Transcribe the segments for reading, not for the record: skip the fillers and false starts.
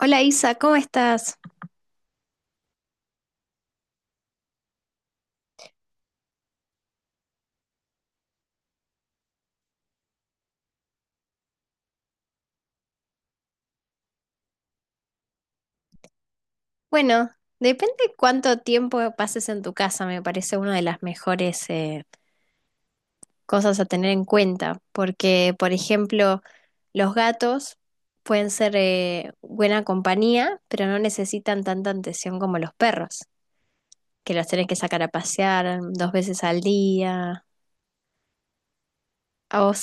Hola Isa, ¿cómo estás? Bueno, depende cuánto tiempo pases en tu casa. Me parece una de las mejores cosas a tener en cuenta, porque, por ejemplo, los gatos pueden ser buena compañía, pero no necesitan tanta atención como los perros, que los tenés que sacar a pasear 2 veces al día. A vos,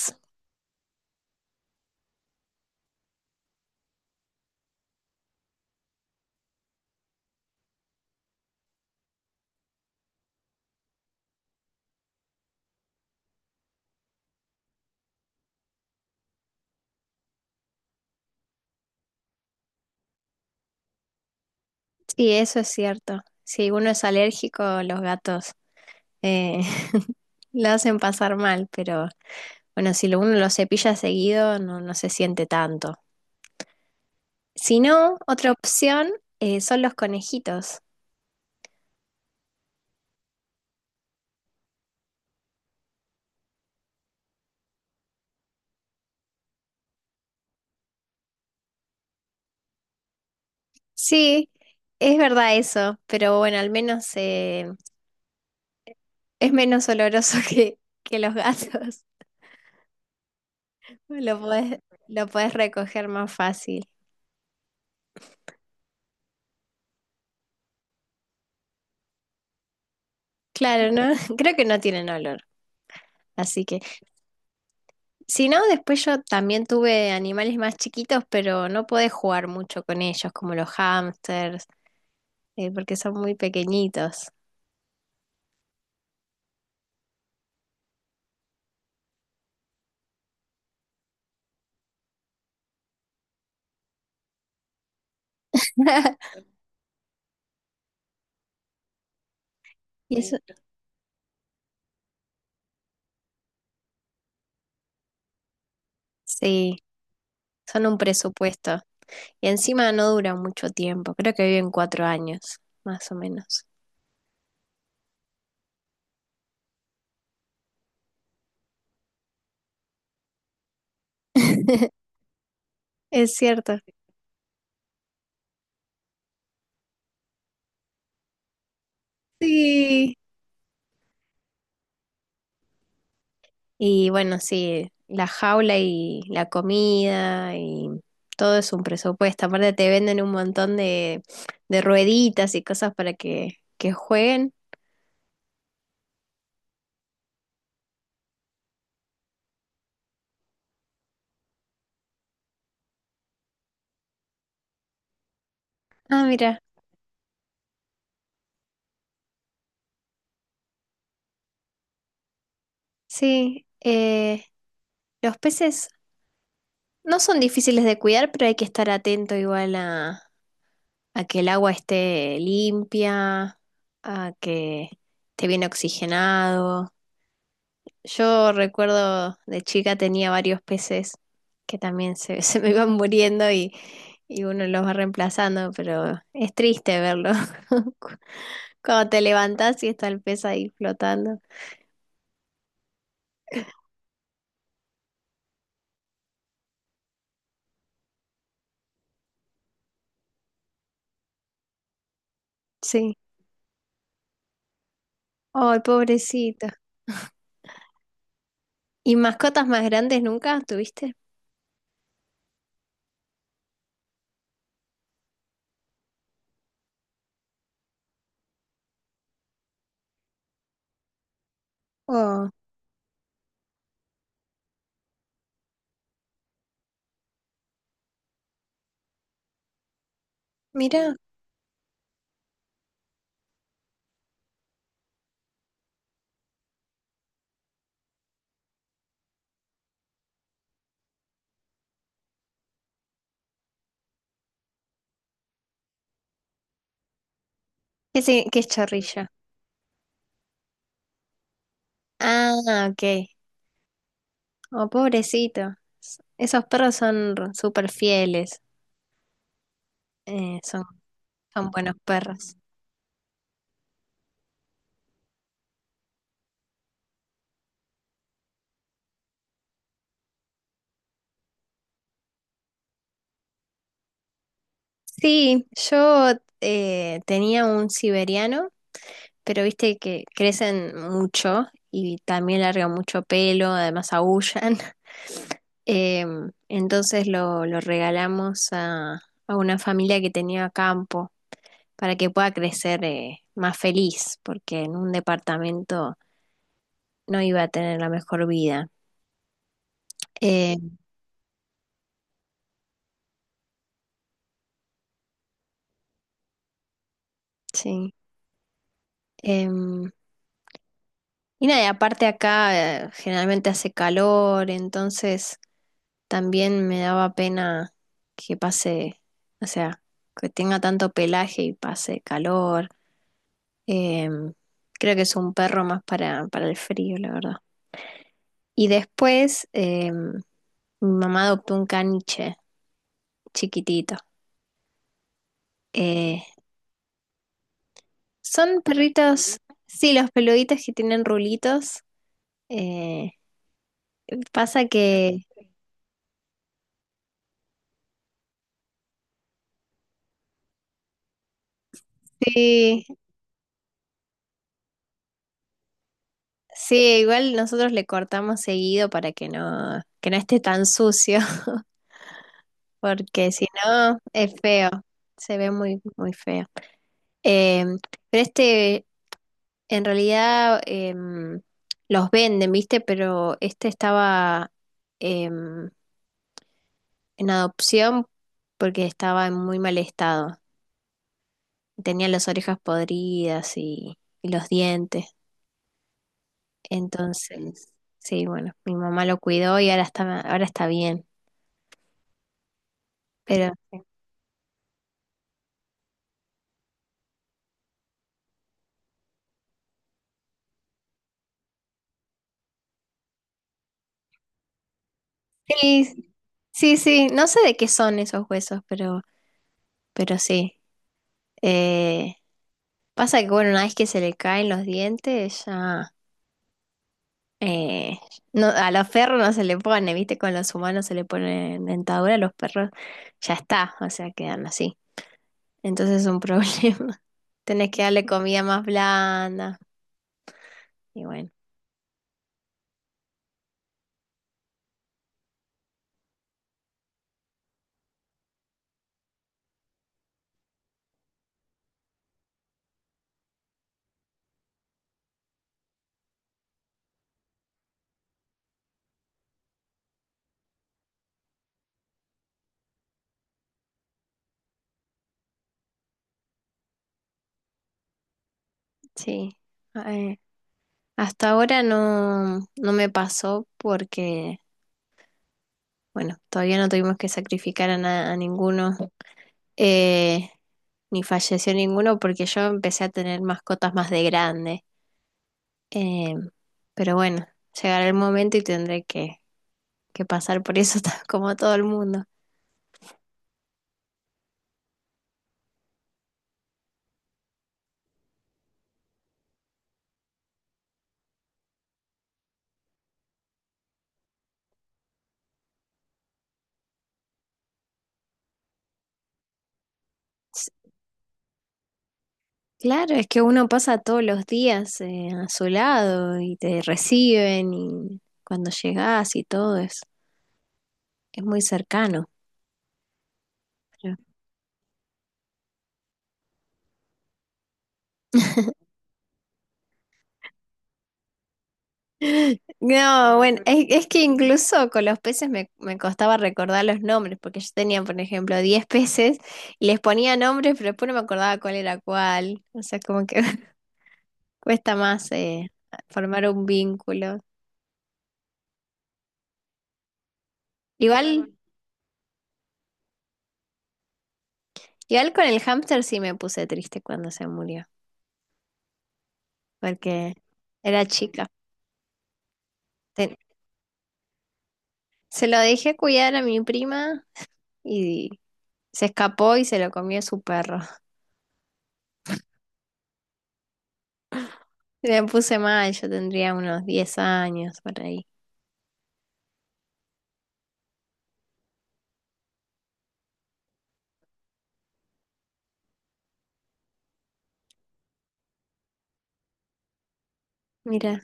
sí, eso es cierto. Si uno es alérgico, los gatos eh, lo hacen pasar mal, pero bueno, si uno lo cepilla seguido, no, no se siente tanto. Si no, otra opción, son los conejitos. Sí, es verdad eso, pero bueno, al menos es menos oloroso que los gatos. Lo podés, lo podés recoger más fácil. Claro, ¿no? Creo que no tienen olor. Así que, si no, después yo también tuve animales más chiquitos, pero no podés jugar mucho con ellos, como los hámsters, porque son muy pequeñitos. Y eso, sí, son un presupuesto. Y encima no duran mucho tiempo, creo que viven 4 años, más o menos. Es cierto. Sí. Y bueno, sí, la jaula y la comida y todo es un presupuesto. Aparte te venden un montón de rueditas y cosas para que jueguen. Ah, mira, sí, los peces no son difíciles de cuidar, pero hay que estar atento igual a que el agua esté limpia, a que esté bien oxigenado. Yo recuerdo de chica tenía varios peces que también se, se me iban muriendo y uno los va reemplazando, pero es triste verlo cu- cuando te levantás y está el pez ahí flotando. Sí. Ay, pobrecito. ¿Y mascotas más grandes nunca tuviste? Oh, mira, qué, qué es chorrilla. Ah, ok. Oh, pobrecito. Esos perros son súper fieles. eh, son, son buenos perros. Sí, yo tenía un siberiano, pero viste que crecen mucho y también largan mucho pelo, además aullan. Entonces lo regalamos a una familia que tenía campo para que pueda crecer más feliz, porque en un departamento no iba a tener la mejor vida. Eh, sí. Em, Y nada, y aparte acá generalmente hace calor, entonces también me daba pena que pase, o sea, que tenga tanto pelaje y pase calor. Em, Creo que es un perro más para el frío, la verdad. Y después, mi mamá adoptó un caniche chiquitito. Eh, Son perritos, sí, los peluditos que tienen rulitos. Eh, Pasa que sí. Sí, igual nosotros le cortamos seguido para que no esté tan sucio, porque si no es feo, se ve muy, muy feo. Eh, pero este, en realidad, los venden, ¿viste? Pero este estaba, em, en adopción porque estaba en muy mal estado. Tenía las orejas podridas y los dientes. Entonces, sí, bueno, mi mamá lo cuidó y ahora está bien. Pero sí, sí, sí, no sé de qué son esos huesos, pero sí. Eh, Pasa que, bueno, una vez que se le caen los dientes, ya eh, no, a los perros no se le pone, ¿viste? Con los humanos se le pone dentadura, a los perros ya está, o sea, quedan así. Entonces es un problema. Tenés que darle comida más blanda. Y bueno, sí. Eh, Hasta ahora no, no me pasó porque, bueno, todavía no tuvimos que sacrificar a, a ninguno. Eh, Ni falleció ninguno porque yo empecé a tener mascotas más de grande. Eh, pero bueno, llegará el momento y tendré que pasar por eso, como todo el mundo. S- Claro, es que uno pasa todos los días a su lado y te reciben y cuando llegas y todo es muy cercano. pero- No, bueno, es que incluso con los peces me, me costaba recordar los nombres, porque yo tenía, por ejemplo, 10 peces y les ponía nombres, pero después no me acordaba cuál era cuál. O sea, como que cuesta más formar un vínculo. Igual, igual con el hámster sí me puse triste cuando se murió, porque era chica. Ten- Se lo dejé cuidar a mi prima y se escapó y se lo comió su perro. Me puse mal, yo tendría unos 10 años por ahí. Mira.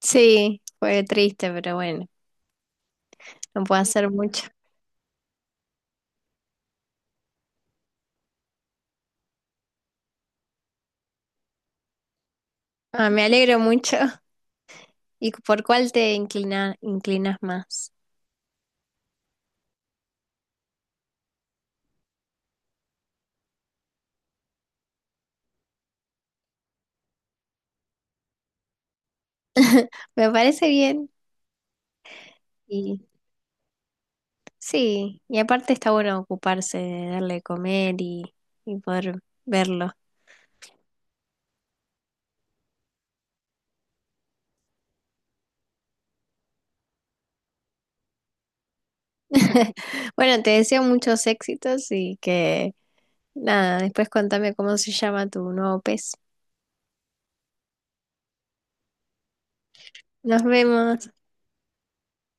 Sí, fue triste, pero bueno, no puedo hacer mucho. Ah, me alegro mucho. ¿Y por cuál te inclinas más? Me parece bien. Y sí, y aparte está bueno ocuparse de darle de comer y poder verlo. Bueno, te deseo muchos éxitos y que nada, después contame cómo se llama tu nuevo pez. Nos vemos.